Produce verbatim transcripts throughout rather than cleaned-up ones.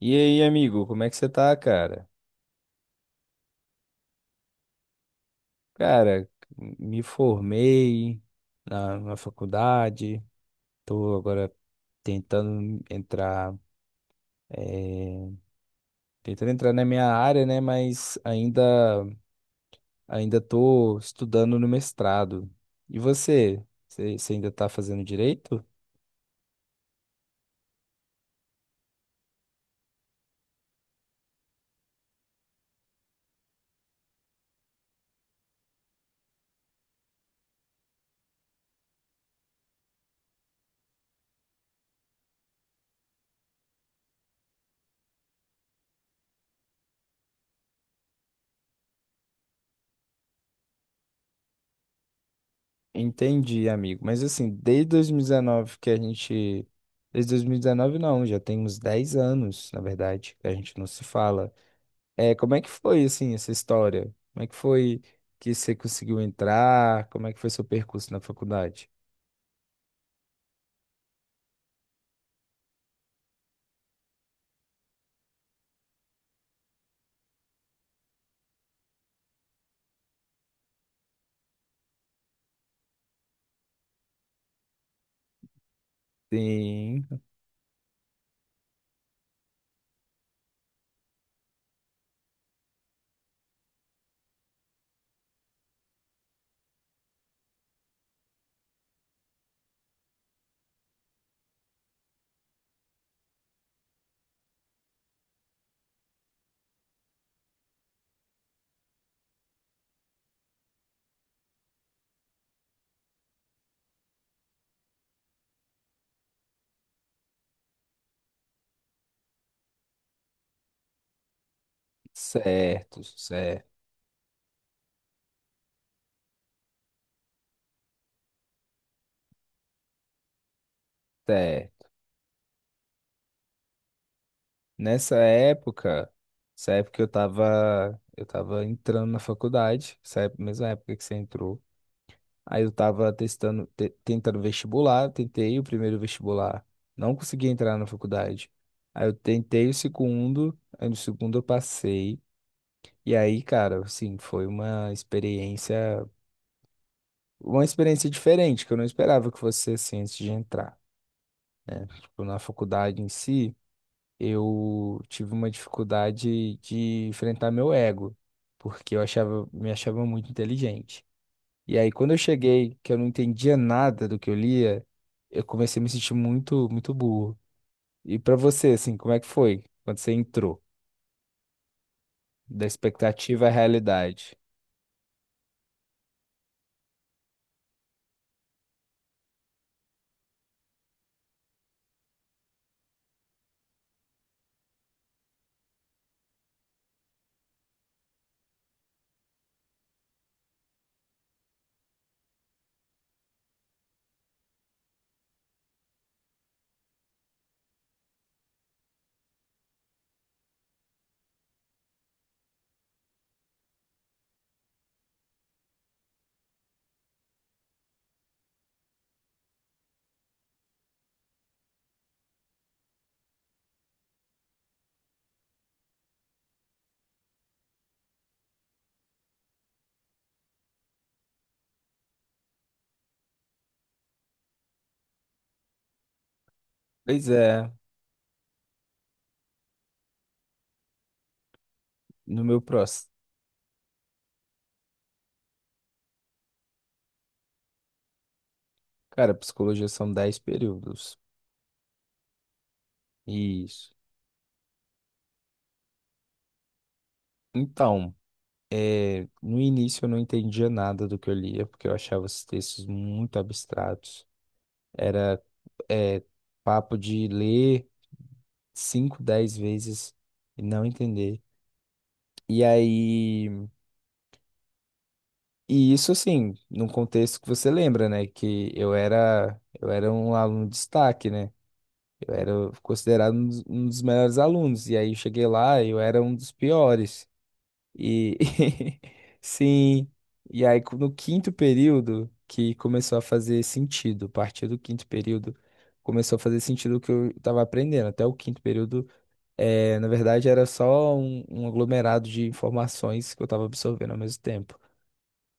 E aí, amigo, como é que você tá, cara? Cara, me formei na, na faculdade, tô agora tentando entrar, eh, tentando entrar na minha área, né? Mas ainda, ainda tô estudando no mestrado. E você? Você você ainda tá fazendo direito? Entendi, amigo. Mas assim, desde dois mil e dezenove que a gente. Desde dois mil e dezenove, não, já tem uns dez anos, na verdade, que a gente não se fala. É, como é que foi, assim, essa história? Como é que foi que você conseguiu entrar? Como é que foi seu percurso na faculdade? Sim, certo, certo, certo. Nessa época, essa época eu tava, eu tava entrando na faculdade, essa época- mesma época que você entrou. Aí eu tava testando, te- tentando vestibular, tentei o primeiro vestibular, não consegui entrar na faculdade. Aí eu tentei o segundo, aí no segundo eu passei. E aí, cara, assim, foi uma experiência, uma experiência diferente, que eu não esperava que fosse assim antes de entrar. Tipo, na faculdade em si, eu tive uma dificuldade de enfrentar meu ego, porque eu achava, me achava muito inteligente. E aí, quando eu cheguei, que eu não entendia nada do que eu lia, eu comecei a me sentir muito, muito burro. E pra você, assim, como é que foi quando você entrou? Da expectativa à realidade. Pois é, no meu próximo. Cara, psicologia são dez períodos. Isso. Então, é, no início eu não entendia nada do que eu lia, porque eu achava os textos muito abstratos. Era, é, papo de ler cinco, dez vezes e não entender. E aí, e isso assim, num contexto que você lembra, né? Que eu era, eu era um aluno de destaque, né? Eu era considerado um dos, um dos melhores alunos. E aí eu cheguei lá, eu era um dos piores. E sim, e aí co- no quinto período que começou a fazer sentido, a partir do quinto período começou a fazer sentido o que eu estava aprendendo. Até o quinto período, eh, na verdade, era só um, um aglomerado de informações que eu estava absorvendo ao mesmo tempo,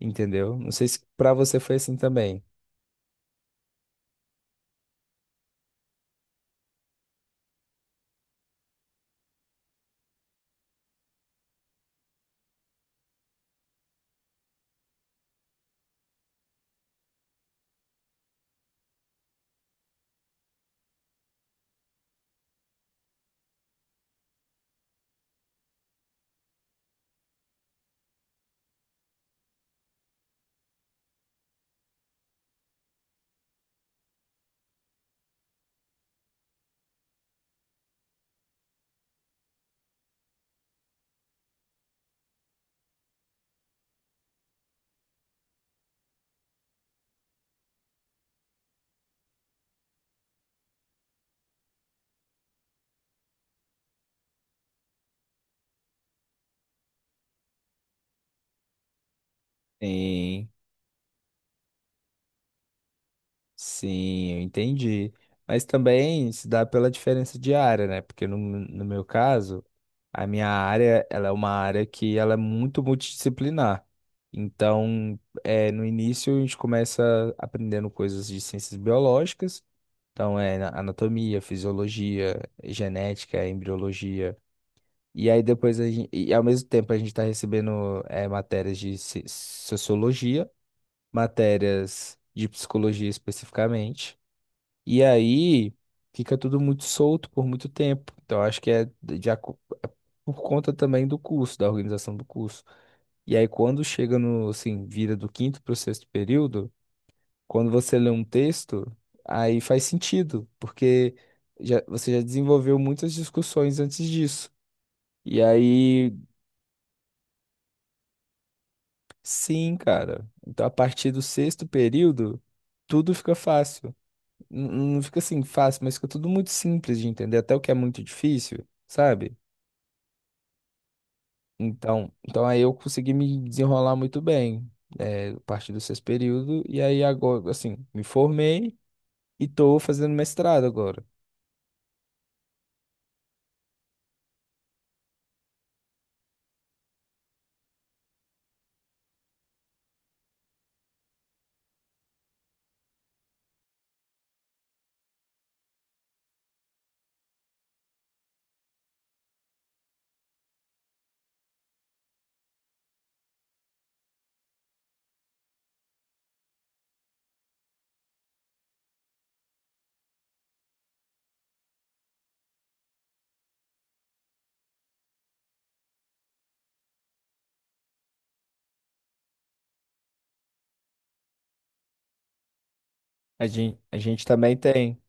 entendeu? Não sei se para você foi assim também. Sim. Sim, eu entendi. Mas também se dá pela diferença de área, né? Porque no, no meu caso, a minha área, ela é uma área que ela é muito multidisciplinar. Então, é, no início a gente começa aprendendo coisas de ciências biológicas, então é na- anatomia, fisiologia, genética, embriologia. E aí depois a gente, e ao mesmo tempo a gente está recebendo é, matérias de ci- sociologia, matérias de psicologia especificamente. E aí fica tudo muito solto por muito tempo. Então acho que é de- de aco- por conta também do curso, da organização do curso. E aí quando chega no, assim, vira do quinto para o sexto período, quando você lê um texto, aí faz sentido, porque já, você já desenvolveu muitas discussões antes disso. E aí, sim, cara. Então a partir do sexto período, tudo fica fácil. N- Não fica assim fácil, mas fica tudo muito simples de entender, até o que é muito difícil, sabe? Então, então aí eu consegui me desenrolar muito bem, eh, a partir do sexto período, e aí agora, assim, me formei e tô fazendo mestrado agora. A gente, a gente também tem,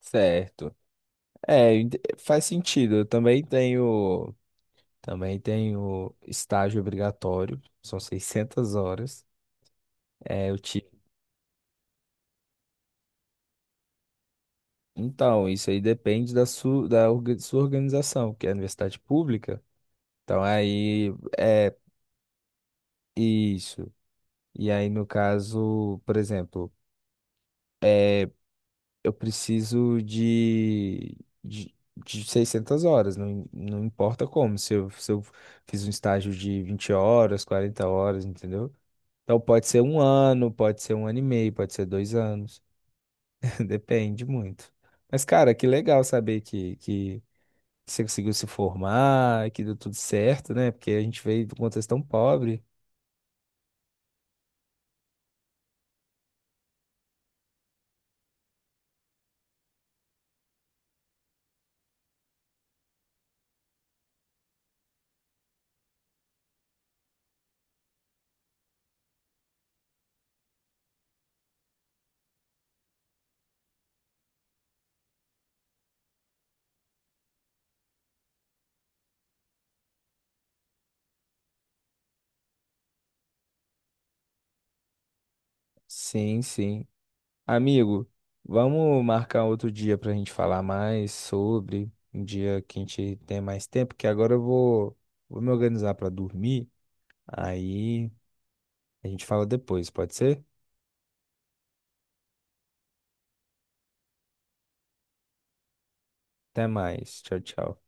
certo. É, ent- faz sentido, eu também tenho, também tenho estágio obrigatório, são seiscentas horas. É, eu tive. Então, isso aí depende da sua, da orga- sua organização, que é a universidade pública. Então, aí, é isso. E aí, no caso, por exemplo, eu preciso de, de, de seiscentas horas, não, não importa como, se eu, se eu fiz um estágio de vinte horas, quarenta horas, entendeu? Então, pode ser um ano, pode ser um ano e meio, pode ser dois anos, depende muito. Mas, cara, que legal saber que, que você conseguiu se formar, que deu tudo certo, né? Porque a gente veio de um contexto tão pobre. Sim, sim. Amigo, vamos marcar outro dia para a gente falar mais sobre, um dia que a gente tem mais tempo, que agora eu vou, vou me organizar para dormir, aí a gente fala depois, pode ser? Até mais, tchau, tchau.